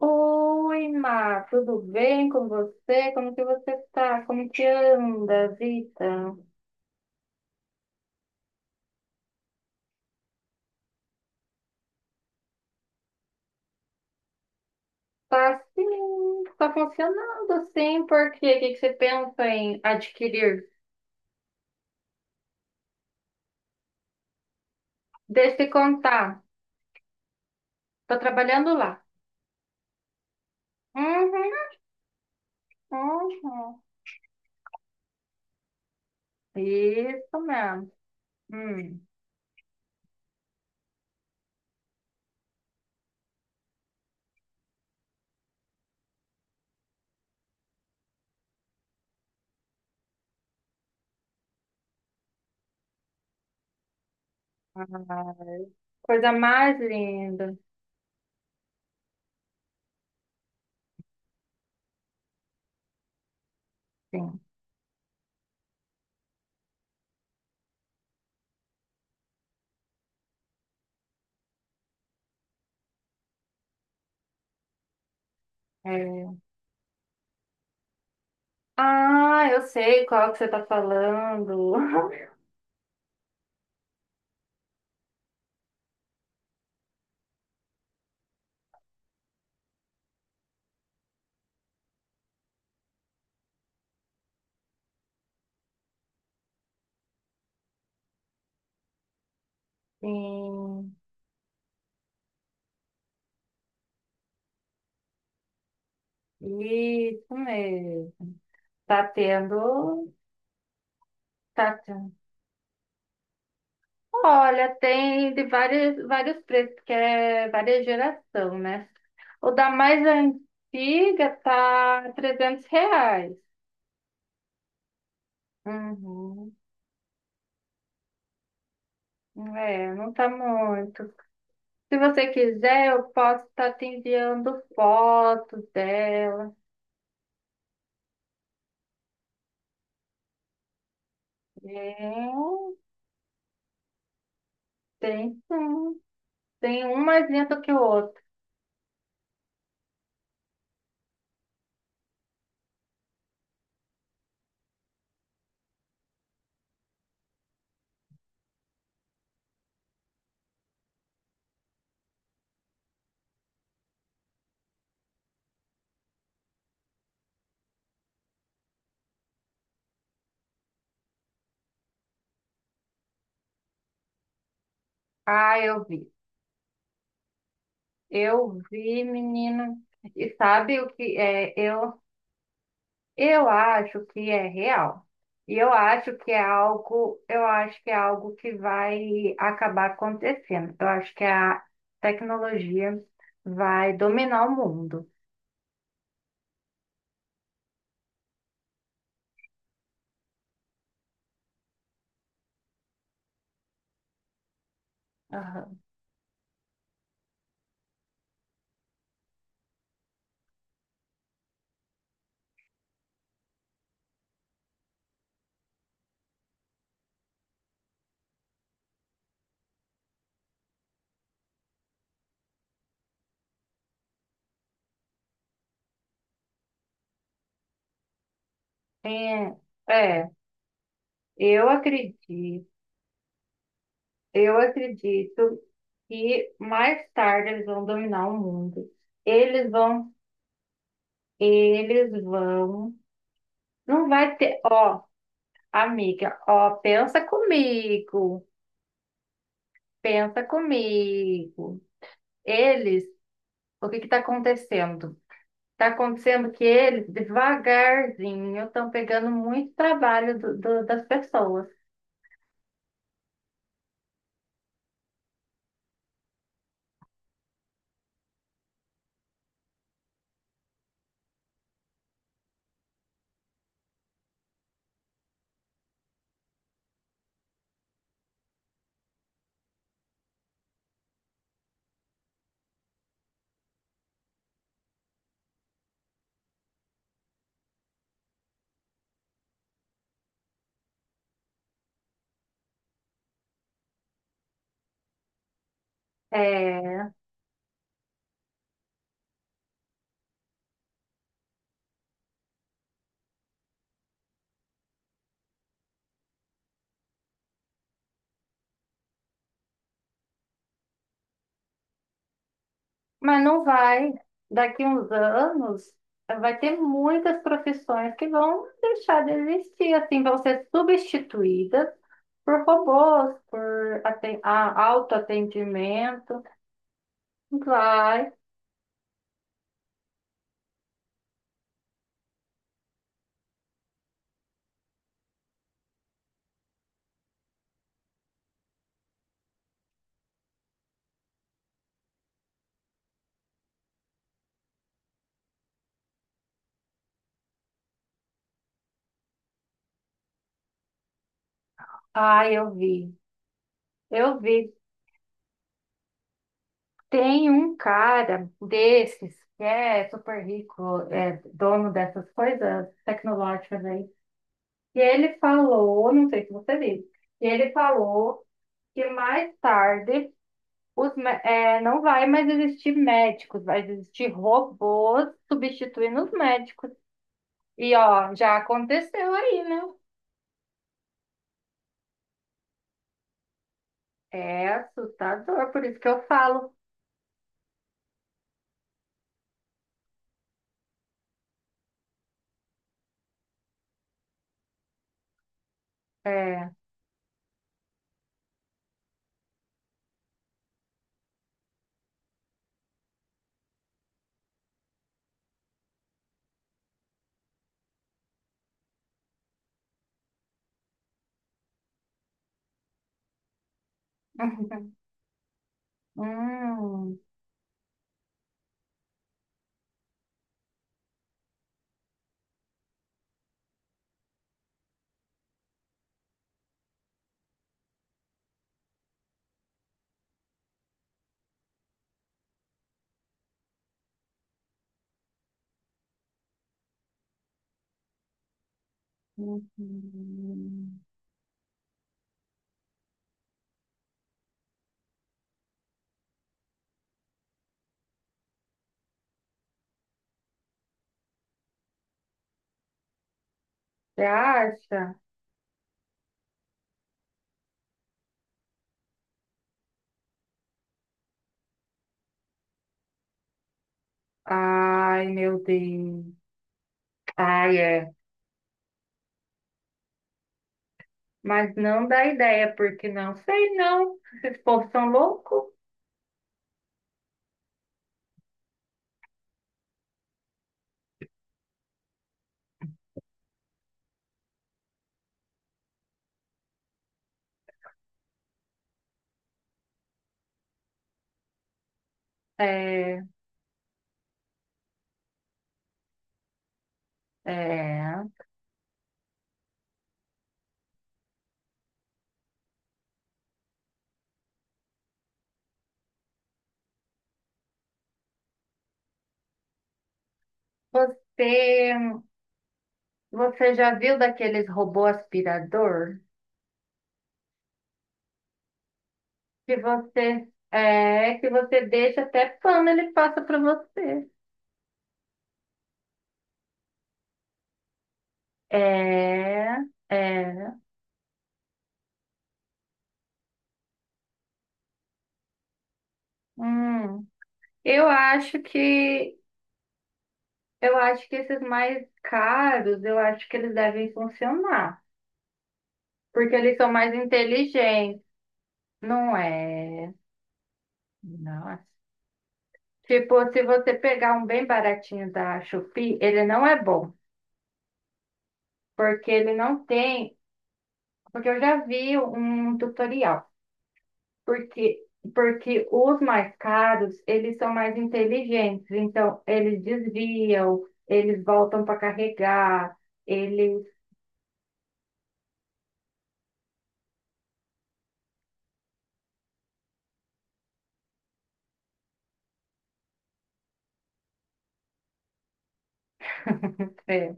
Oi, Má, tudo bem com você? Como que você tá? Como que anda a... Tá sim, tá funcionando assim, porque o que que você pensa em adquirir? Deixa eu te contar, tô trabalhando lá. Uhum, uhum. Isso mesmo. Hum. Ah, coisa mais linda, sim. É. Ah, eu sei qual que você tá falando. Sim, isso mesmo. Tá tendo, tá tendo. Olha, tem de vários preços, que é várias geração, né? O da mais antiga tá R$ 300. Uhum. É, não tá muito. Se você quiser, eu posso estar te enviando fotos dela. Tem, tem sim. Tem um mais lindo que o outro. Ah, eu vi. Eu vi, menino. E sabe o que é? Eu... eu acho que é real. E eu acho que é algo, eu acho que é algo que vai acabar acontecendo. Eu acho que a tecnologia vai dominar o mundo. Aham. É, é, eu acredito, eu acredito que mais tarde eles vão dominar o mundo. Eles vão, eles vão. Não vai ter, ó, amiga, ó, pensa comigo, pensa comigo. Eles, o que que está acontecendo? Está acontecendo que eles, devagarzinho, estão pegando muito trabalho das pessoas. É, mas não vai, daqui uns anos, vai ter muitas profissões que vão deixar de existir, assim, vão ser substituídas por robôs, por autoatendimento. Vai. Ai, eu vi. Eu vi. Tem um cara desses que é super rico, é dono dessas coisas tecnológicas aí. E ele falou, não sei se você viu, e ele falou que mais tarde não vai mais existir médicos, vai existir robôs substituindo os médicos. E ó, já aconteceu aí, né? É assustador, por isso que eu falo. É. Hum, hum. Você acha? Ai, meu Deus. Ai, é. Mas não dá ideia, porque não sei, não. Esses povos são loucos. É, é. Você, você já viu daqueles robô aspirador? Que você, é, que você deixa até pano, ele passa para você. É, é. Hum. Eu acho que, eu acho que esses mais caros, eu acho que eles devem funcionar. Porque eles são mais inteligentes, não é? Nossa. Tipo, se você pegar um bem baratinho da Shopee, ele não é bom, porque ele não tem, porque eu já vi um tutorial, porque os mais caros, eles são mais inteligentes, então eles desviam, eles voltam para carregar, eles... é.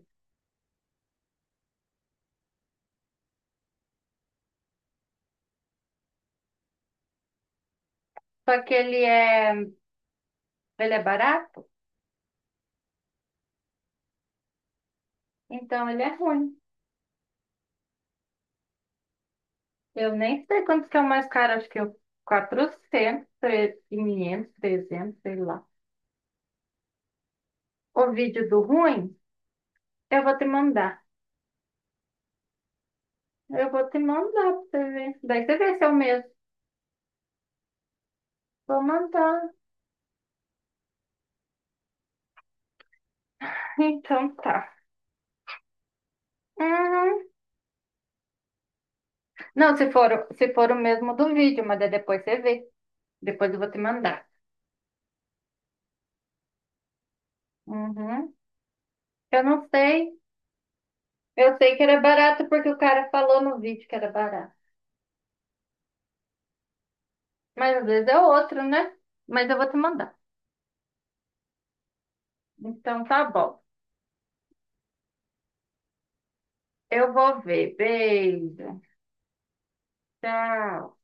Só que ele é barato, então ele é ruim. Eu nem sei quantos que é o mais caro, acho que é o 400, 500, 300, sei lá. O vídeo do ruim, eu vou te mandar. Eu vou te mandar pra você ver. Daí você vê se é o mesmo. Vou mandar. Então tá. Uhum. Não, se for, se for o mesmo do vídeo, mas daí depois você vê. Depois eu vou te mandar. Uhum. Eu não sei. Eu sei que era barato porque o cara falou no vídeo que era barato. Mas às vezes é outro, né? Mas eu vou te mandar. Então tá bom. Eu vou ver. Beijo. Tchau.